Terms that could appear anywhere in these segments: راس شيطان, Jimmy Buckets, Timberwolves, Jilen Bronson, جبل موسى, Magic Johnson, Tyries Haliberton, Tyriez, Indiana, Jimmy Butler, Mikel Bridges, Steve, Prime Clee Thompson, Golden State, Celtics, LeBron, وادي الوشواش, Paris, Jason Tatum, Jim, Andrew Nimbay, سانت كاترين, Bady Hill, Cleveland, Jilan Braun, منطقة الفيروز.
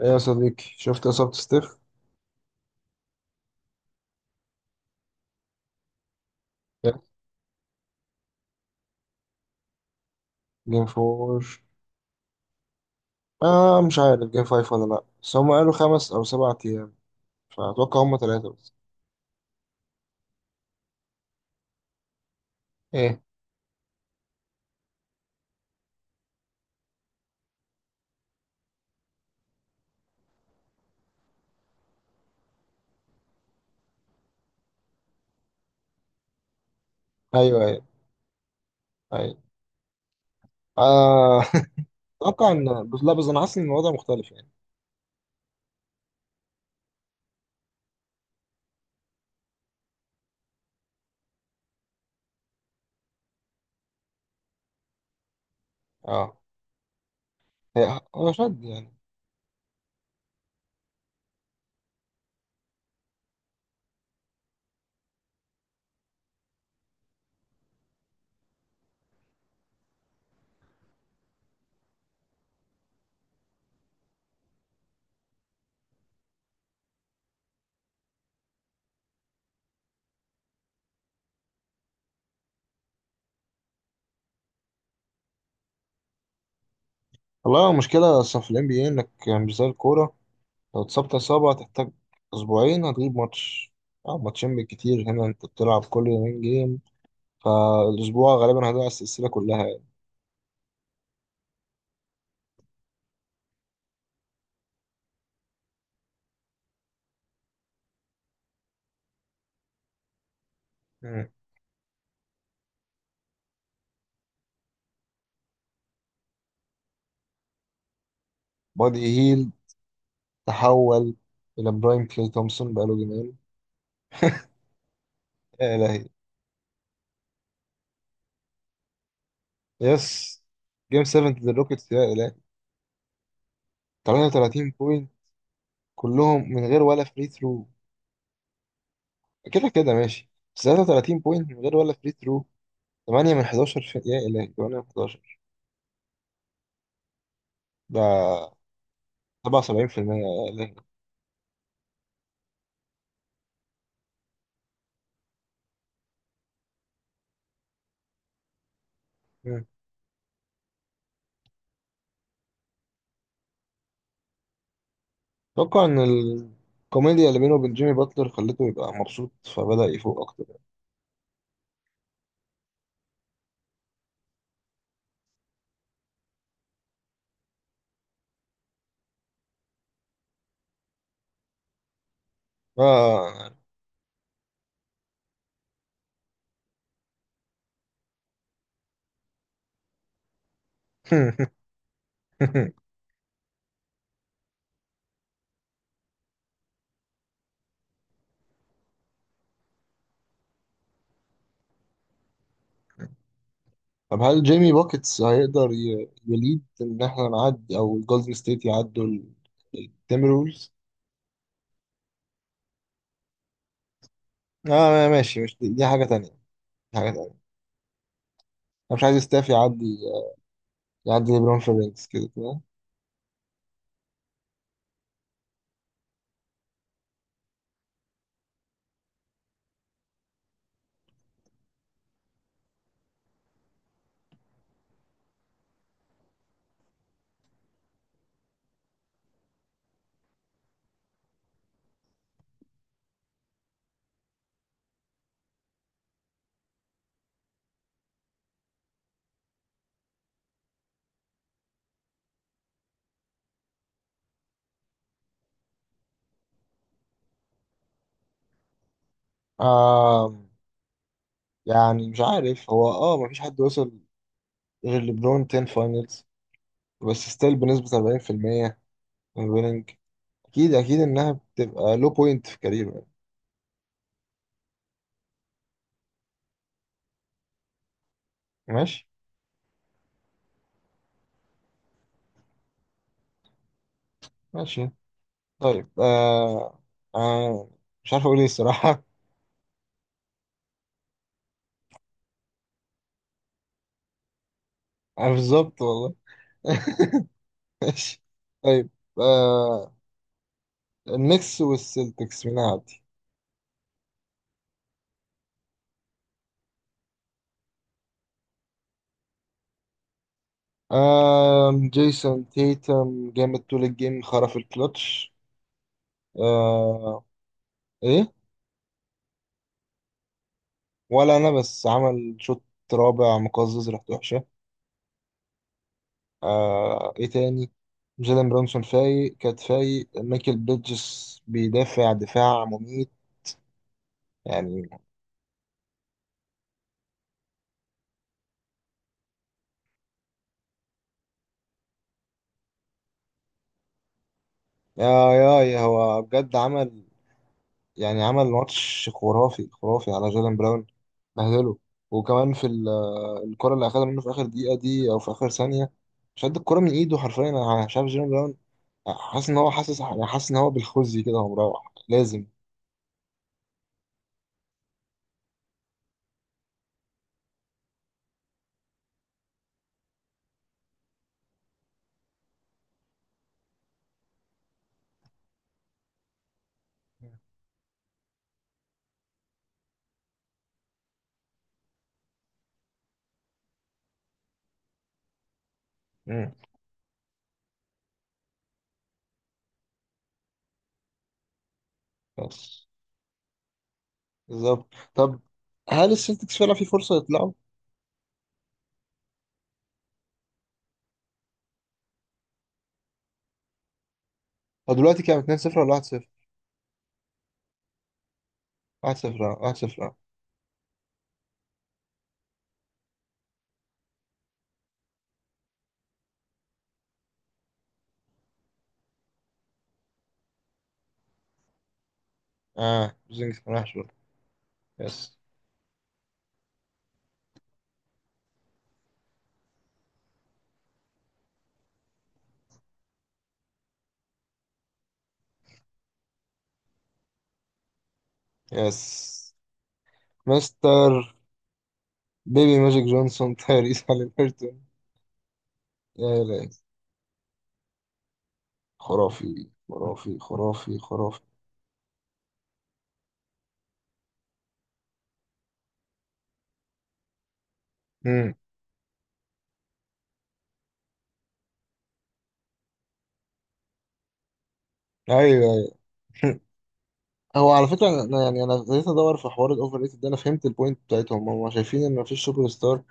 ايه يا صديقي، شفت اصابة ستيف؟ جيم فور. مش عارف جيم فايف ولا لا، بس هم قالوا خمس او سبع ايام، فاتوقع هم ثلاثة بس. ايه. ايوه ايوه ايوه. آه اتوقع ان، بس لا، بس انا حاسس ان الوضع مختلف يعني. اه. هو شد يعني. والله المشكلة اصلا في الام بي اي، انك مش زي الكورة. لو اتصبت اصابة هتحتاج اسبوعين، هتغيب ماتش. اه، ماتشين بالكتير. هنا انت بتلعب كل يومين جيم، فالاسبوع غالبا هيضيع السلسلة كلها يعني. بادي هيل تحول إلى برايم كلي تومسون بقاله جيمين. يا إلهي. يس. جيم 7 ضد الروكيتس، يا إلهي، 33 بوينت كلهم من غير ولا فري ثرو. كده كده ماشي، بس 33 بوينت من غير ولا فري ثرو، 8 من 11 في... يا إلهي، 8 من 11 ده. 77%، يا إلهي. مم. أتوقع إن الكوميديا اللي بينه وبين جيمي باتلر خلته يبقى مبسوط، فبدأ يفوق أكتر. آه. طب هل جيمي بوكيتس هيقدر يليد ان احنا نعدي، او الجولدن ستيت يعدوا التيمبرولز؟ اه ماشي، مش دي، دي حاجة تانية. دي حاجة تانية. انا مش عايز ستاف يعدي، يعدي ليبرون في الرينجز كده كده. آه. يعني مش عارف. هو اه، مفيش حد وصل غير ليبرون 10 فاينلز، بس ستيل بنسبة 40% ويننج. اكيد انها بتبقى لو بوينت في كاريره يعني. ماشي. ماشي. طيب. آه. آه مش عارف اقول ايه الصراحة. انا بالظبط والله. ماشي. طيب. آه. النكس والسلتكس، مين عادي؟ آه، جيسون تيتم جامد طول الجيم، خرف الكلتش. آه. ايه. ولا انا، بس عمل شوط رابع مقزز، ريحته وحشه. آه. ايه تاني؟ جيلن برونسون فايق، كات فايق، ميكل بيدجس بيدافع دفاع مميت يعني. يا يا هو بجد عمل، يعني عمل ماتش خرافي خرافي على جيلان براون، بهدله. وكمان في الكرة اللي أخدها منه في آخر دقيقة دي، أو في آخر ثانية. شد الكرة من إيده حرفيا. أنا مش عارف جيلان براون، حاسس إن هو، حاسس يعني، حاسس إن هو بالخزي كده وهو مروح لازم. مم. بس بالظبط. طب هل السلتكس فعلا في فرصة يطلعوا؟ هو دلوقتي كام، 2-0 ولا 1-0؟ 1-0، اه 1-0، اه. اه، زينكس كان وحش برضه. يس. يس. مستر بيبي ماجيك جونسون، تايريس هاليبرتون. يا لا، خرافي خرافي خرافي خرافي. امم. ايوه ايوه. هو على فكره، انا يعني انا ابتديت ادور في حوار الاوفر ريتد ده. انا فهمت البوينت بتاعتهم، هم شايفين ان مفيش سوبر ستار.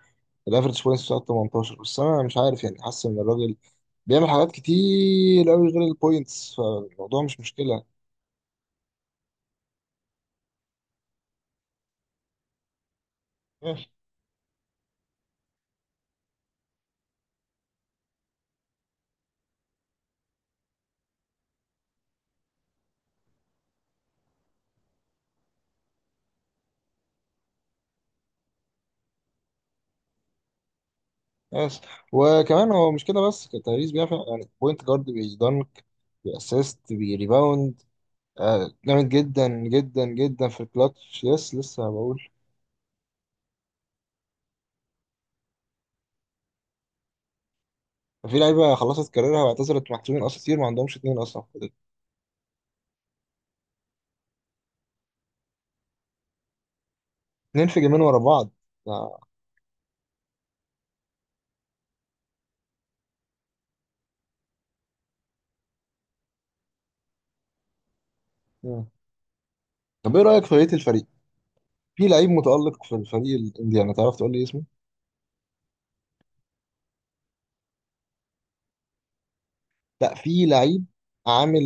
الافرج بوينتس بتاعته 18 بس، انا مش عارف يعني، حاسس ان الراجل بيعمل حاجات كتير قوي غير البوينتس، فالموضوع مش مشكله. يس. يس. وكمان هو مش كده بس، تايريز بيعمل يعني بوينت جارد بيدنك، بيأسيست، بيريباوند. آه جامد جدا جدا جدا في الكلاتش. يس، لسه بقول. ففي لعيبه خلصت كاريرها واعتزلت، محسوبين اساطير، ما عندهمش اتنين اصلا في الفريق. اتنين في جيمين ورا بعض. ده- مم. طب ايه رايك في بقيه الفريق؟ في لعيب متالق في الفريق الانديانا، تعرف تقول لي اسمه؟ لا، في لعيب عامل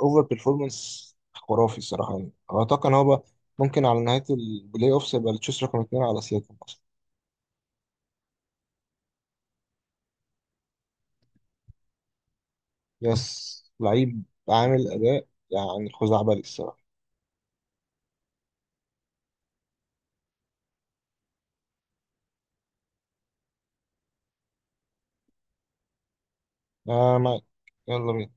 اوفر بيرفورمانس خرافي الصراحه، يعني اتوقع ان هو بقى ممكن على نهايه البلاي اوفس يبقى التشيس رقم اتنين على سياكم اصلا. يس، لعيب عامل اداء يعني خزعبلي الصراحه. آه معاك، يلا بينا.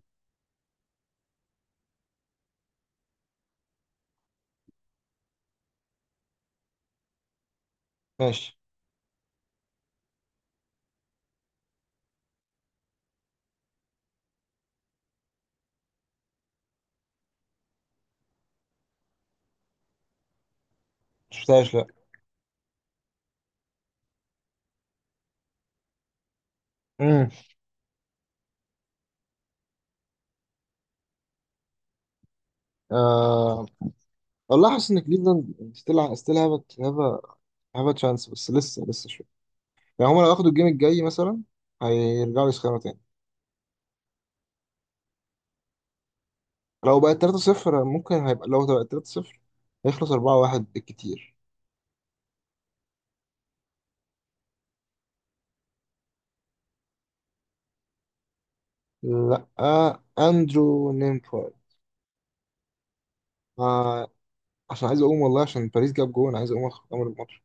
ماشي. مش لا. امم. والله حاسس ان كليفلاند ستيل، ستيل هاف هاف تشانس، بس لسه شويه يعني. هما لو ياخدوا الجيم الجاي مثلا، هيرجعوا يسخنوا تاني. لو بقت 3-0 ممكن، هيبقى لو بقت 3-0 هيخلص 4-1 بالكتير. لا. آه، اندرو نيمباي. آه، عشان عايز اقوم والله، عشان باريس جاب جون، عايز اقوم اخد امر الماتش.